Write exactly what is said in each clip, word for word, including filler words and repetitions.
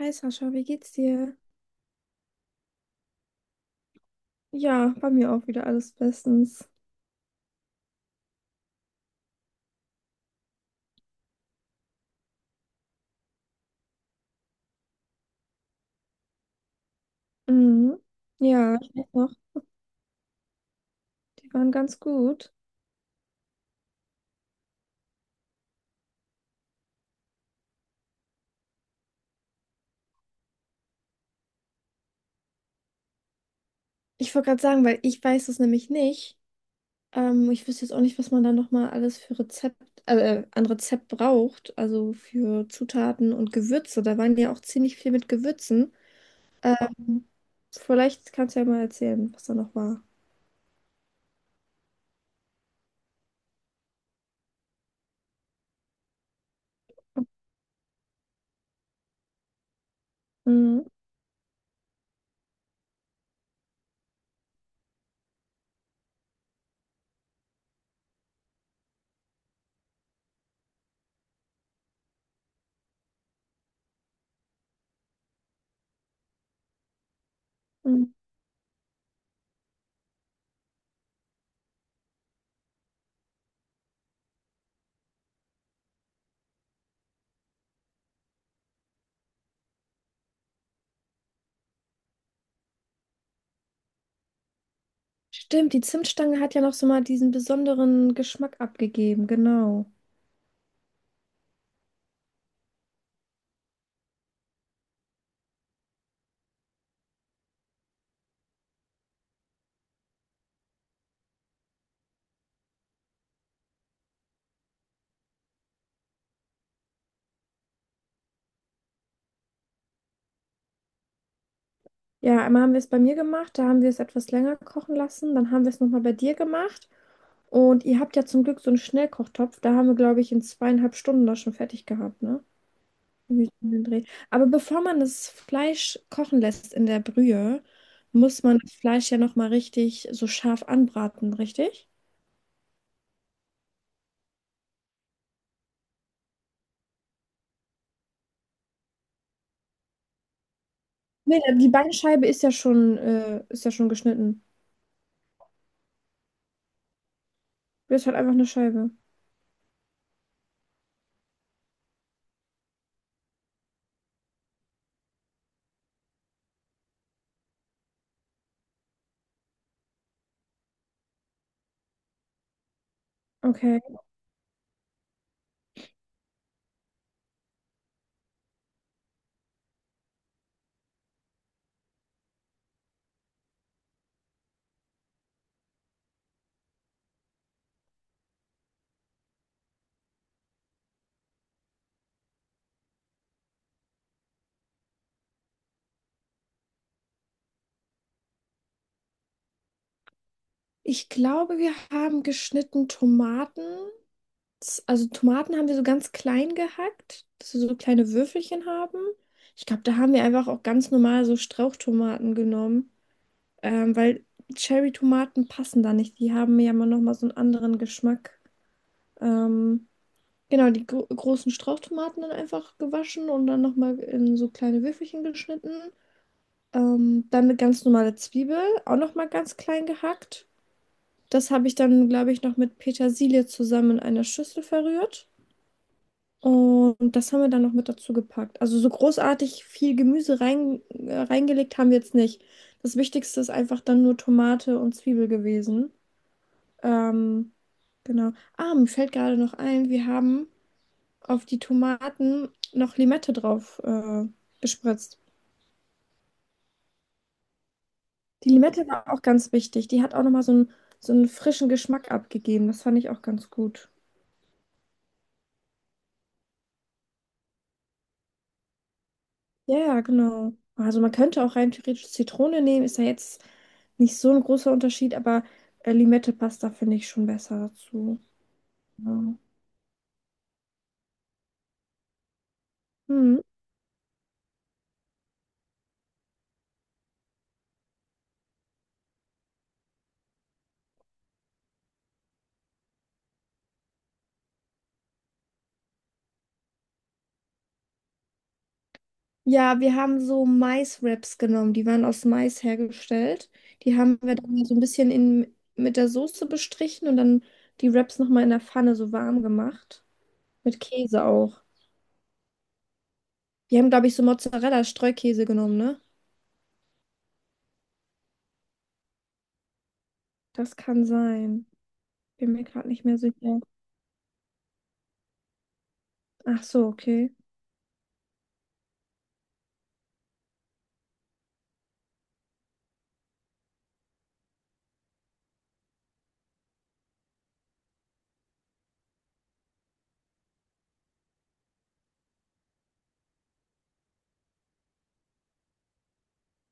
Hi Sascha, wie geht's dir? Ja, bei mir auch wieder alles bestens. Mhm. Ja, ich weiß noch, die waren ganz gut. Ich wollte gerade sagen, weil ich weiß es nämlich nicht. Ähm, ich wüsste jetzt auch nicht, was man da nochmal alles für Rezept, äh, äh, an Rezept braucht, also für Zutaten und Gewürze. Da waren ja auch ziemlich viel mit Gewürzen. Ähm, Vielleicht kannst du ja mal erzählen, was da noch war. Mhm. Mhm. Stimmt, die Zimtstange hat ja noch so mal diesen besonderen Geschmack abgegeben, genau. Ja, einmal haben wir es bei mir gemacht, da haben wir es etwas länger kochen lassen. Dann haben wir es nochmal bei dir gemacht. Und ihr habt ja zum Glück so einen Schnellkochtopf. Da haben wir, glaube ich, in zweieinhalb Stunden das schon fertig gehabt, ne? Irgendwie so um den Dreh. Aber bevor man das Fleisch kochen lässt in der Brühe, muss man das Fleisch ja nochmal richtig so scharf anbraten, richtig? Nee, die Beinscheibe ist ja schon, äh, ist ja schon geschnitten. Das ist halt einfach eine Scheibe. Okay. Ich glaube, wir haben geschnitten Tomaten. Das, also Tomaten haben wir so ganz klein gehackt, dass wir so kleine Würfelchen haben. Ich glaube, da haben wir einfach auch ganz normal so Strauchtomaten genommen, ähm, weil Cherry-Tomaten passen da nicht. Die haben ja immer noch mal so einen anderen Geschmack. Ähm, genau, die gro großen Strauchtomaten dann einfach gewaschen und dann noch mal in so kleine Würfelchen geschnitten. Ähm, dann eine ganz normale Zwiebel, auch noch mal ganz klein gehackt. Das habe ich dann, glaube ich, noch mit Petersilie zusammen in einer Schüssel verrührt. Und das haben wir dann noch mit dazu gepackt. Also so großartig viel Gemüse rein, äh, reingelegt haben wir jetzt nicht. Das Wichtigste ist einfach dann nur Tomate und Zwiebel gewesen. Ähm, genau. Ah, mir fällt gerade noch ein, wir haben auf die Tomaten noch Limette drauf äh, gespritzt. Die Limette war auch ganz wichtig. Die hat auch nochmal so einen, so einen frischen Geschmack abgegeben. Das fand ich auch ganz gut. Ja, ja, genau. Also man könnte auch rein theoretisch Zitrone nehmen, ist ja jetzt nicht so ein großer Unterschied, aber äh, Limette-Pasta finde ich schon besser dazu. Ja. Hm. Ja, wir haben so Maiswraps genommen, die waren aus Mais hergestellt. Die haben wir dann so ein bisschen in, mit der Soße bestrichen und dann die Wraps nochmal in der Pfanne so warm gemacht. Mit Käse auch. Wir haben, glaube ich, so Mozzarella-Streukäse genommen, ne? Das kann sein. Bin mir gerade nicht mehr sicher. Ach so, okay.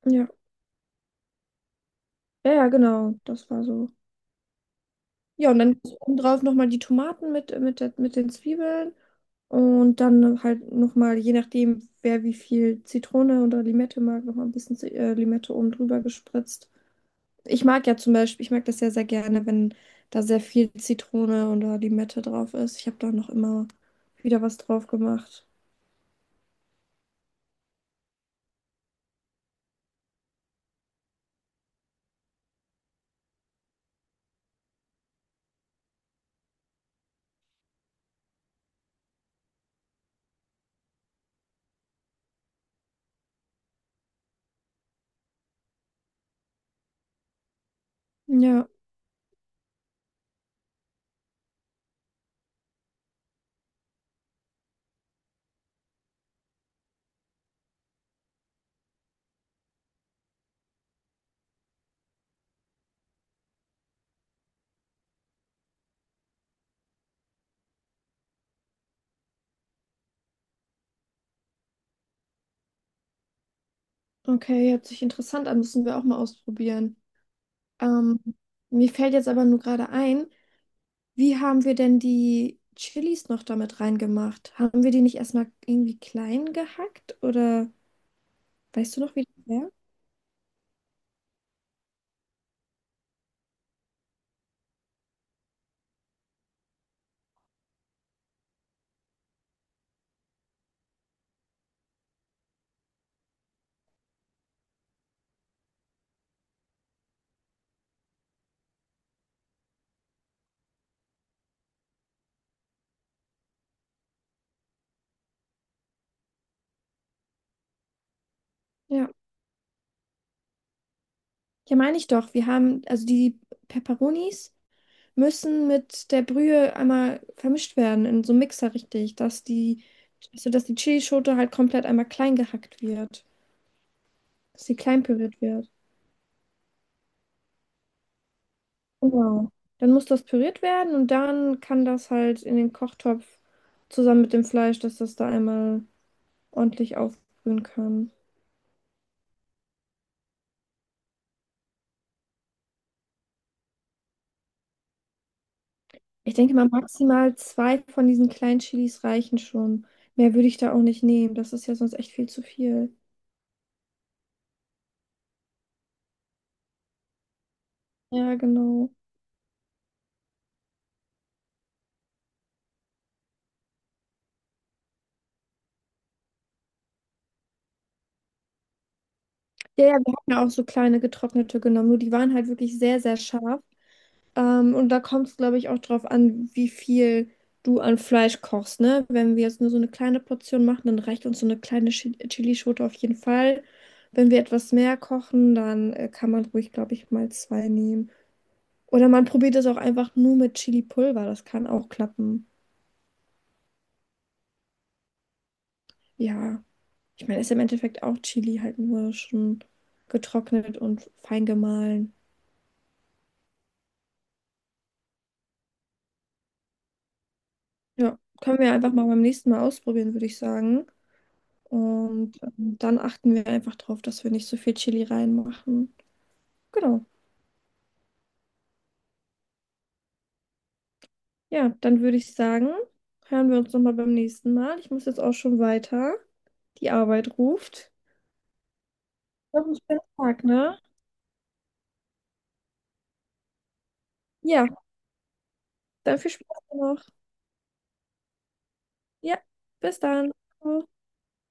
Ja. Ja, ja, genau, das war so. Ja, und dann obendrauf nochmal die Tomaten mit, mit, der, mit den Zwiebeln und dann halt nochmal, je nachdem, wer wie viel Zitrone oder Limette mag, nochmal ein bisschen Z- äh, Limette oben drüber gespritzt. Ich mag ja zum Beispiel, ich mag das ja sehr gerne, wenn da sehr viel Zitrone oder Limette drauf ist. Ich habe da noch immer wieder was drauf gemacht. Ja, okay, hört sich interessant an, müssen wir auch mal ausprobieren. Ähm, Mir fällt jetzt aber nur gerade ein, wie haben wir denn die Chilis noch damit reingemacht? Haben wir die nicht erstmal irgendwie klein gehackt oder weißt du noch, wie das wäre? Ja. Ja, meine ich doch. Wir haben, also die Peperonis müssen mit der Brühe einmal vermischt werden in so einem Mixer richtig, dass die, also dass die Chilischote halt komplett einmal klein gehackt wird, dass sie klein püriert wird. Genau. Dann muss das püriert werden und dann kann das halt in den Kochtopf zusammen mit dem Fleisch, dass das da einmal ordentlich aufbrühen kann. Ich denke mal, maximal zwei von diesen kleinen Chilis reichen schon. Mehr würde ich da auch nicht nehmen. Das ist ja sonst echt viel zu viel. Ja, genau. Ja, ja, wir hatten ja auch so kleine getrocknete genommen, nur die waren halt wirklich sehr, sehr scharf. Ähm, und da kommt es, glaube ich, auch drauf an, wie viel du an Fleisch kochst, ne? Wenn wir jetzt nur so eine kleine Portion machen, dann reicht uns so eine kleine Chi- Chilischote auf jeden Fall. Wenn wir etwas mehr kochen, dann äh, kann man ruhig, glaube ich, mal zwei nehmen. Oder man probiert es auch einfach nur mit Chili-Pulver. Das kann auch klappen. Ja, ich meine, ist im Endeffekt auch Chili, halt nur schon getrocknet und fein gemahlen. Ja, können wir einfach mal beim nächsten Mal ausprobieren, würde ich sagen. Und ähm, dann achten wir einfach darauf, dass wir nicht so viel Chili reinmachen. Genau. Ja, dann würde ich sagen, hören wir uns nochmal beim nächsten Mal. Ich muss jetzt auch schon weiter. Die Arbeit ruft. Noch einen schönen Tag, ne? Ja, dann viel Spaß noch. Ja, bis dann. Ciao.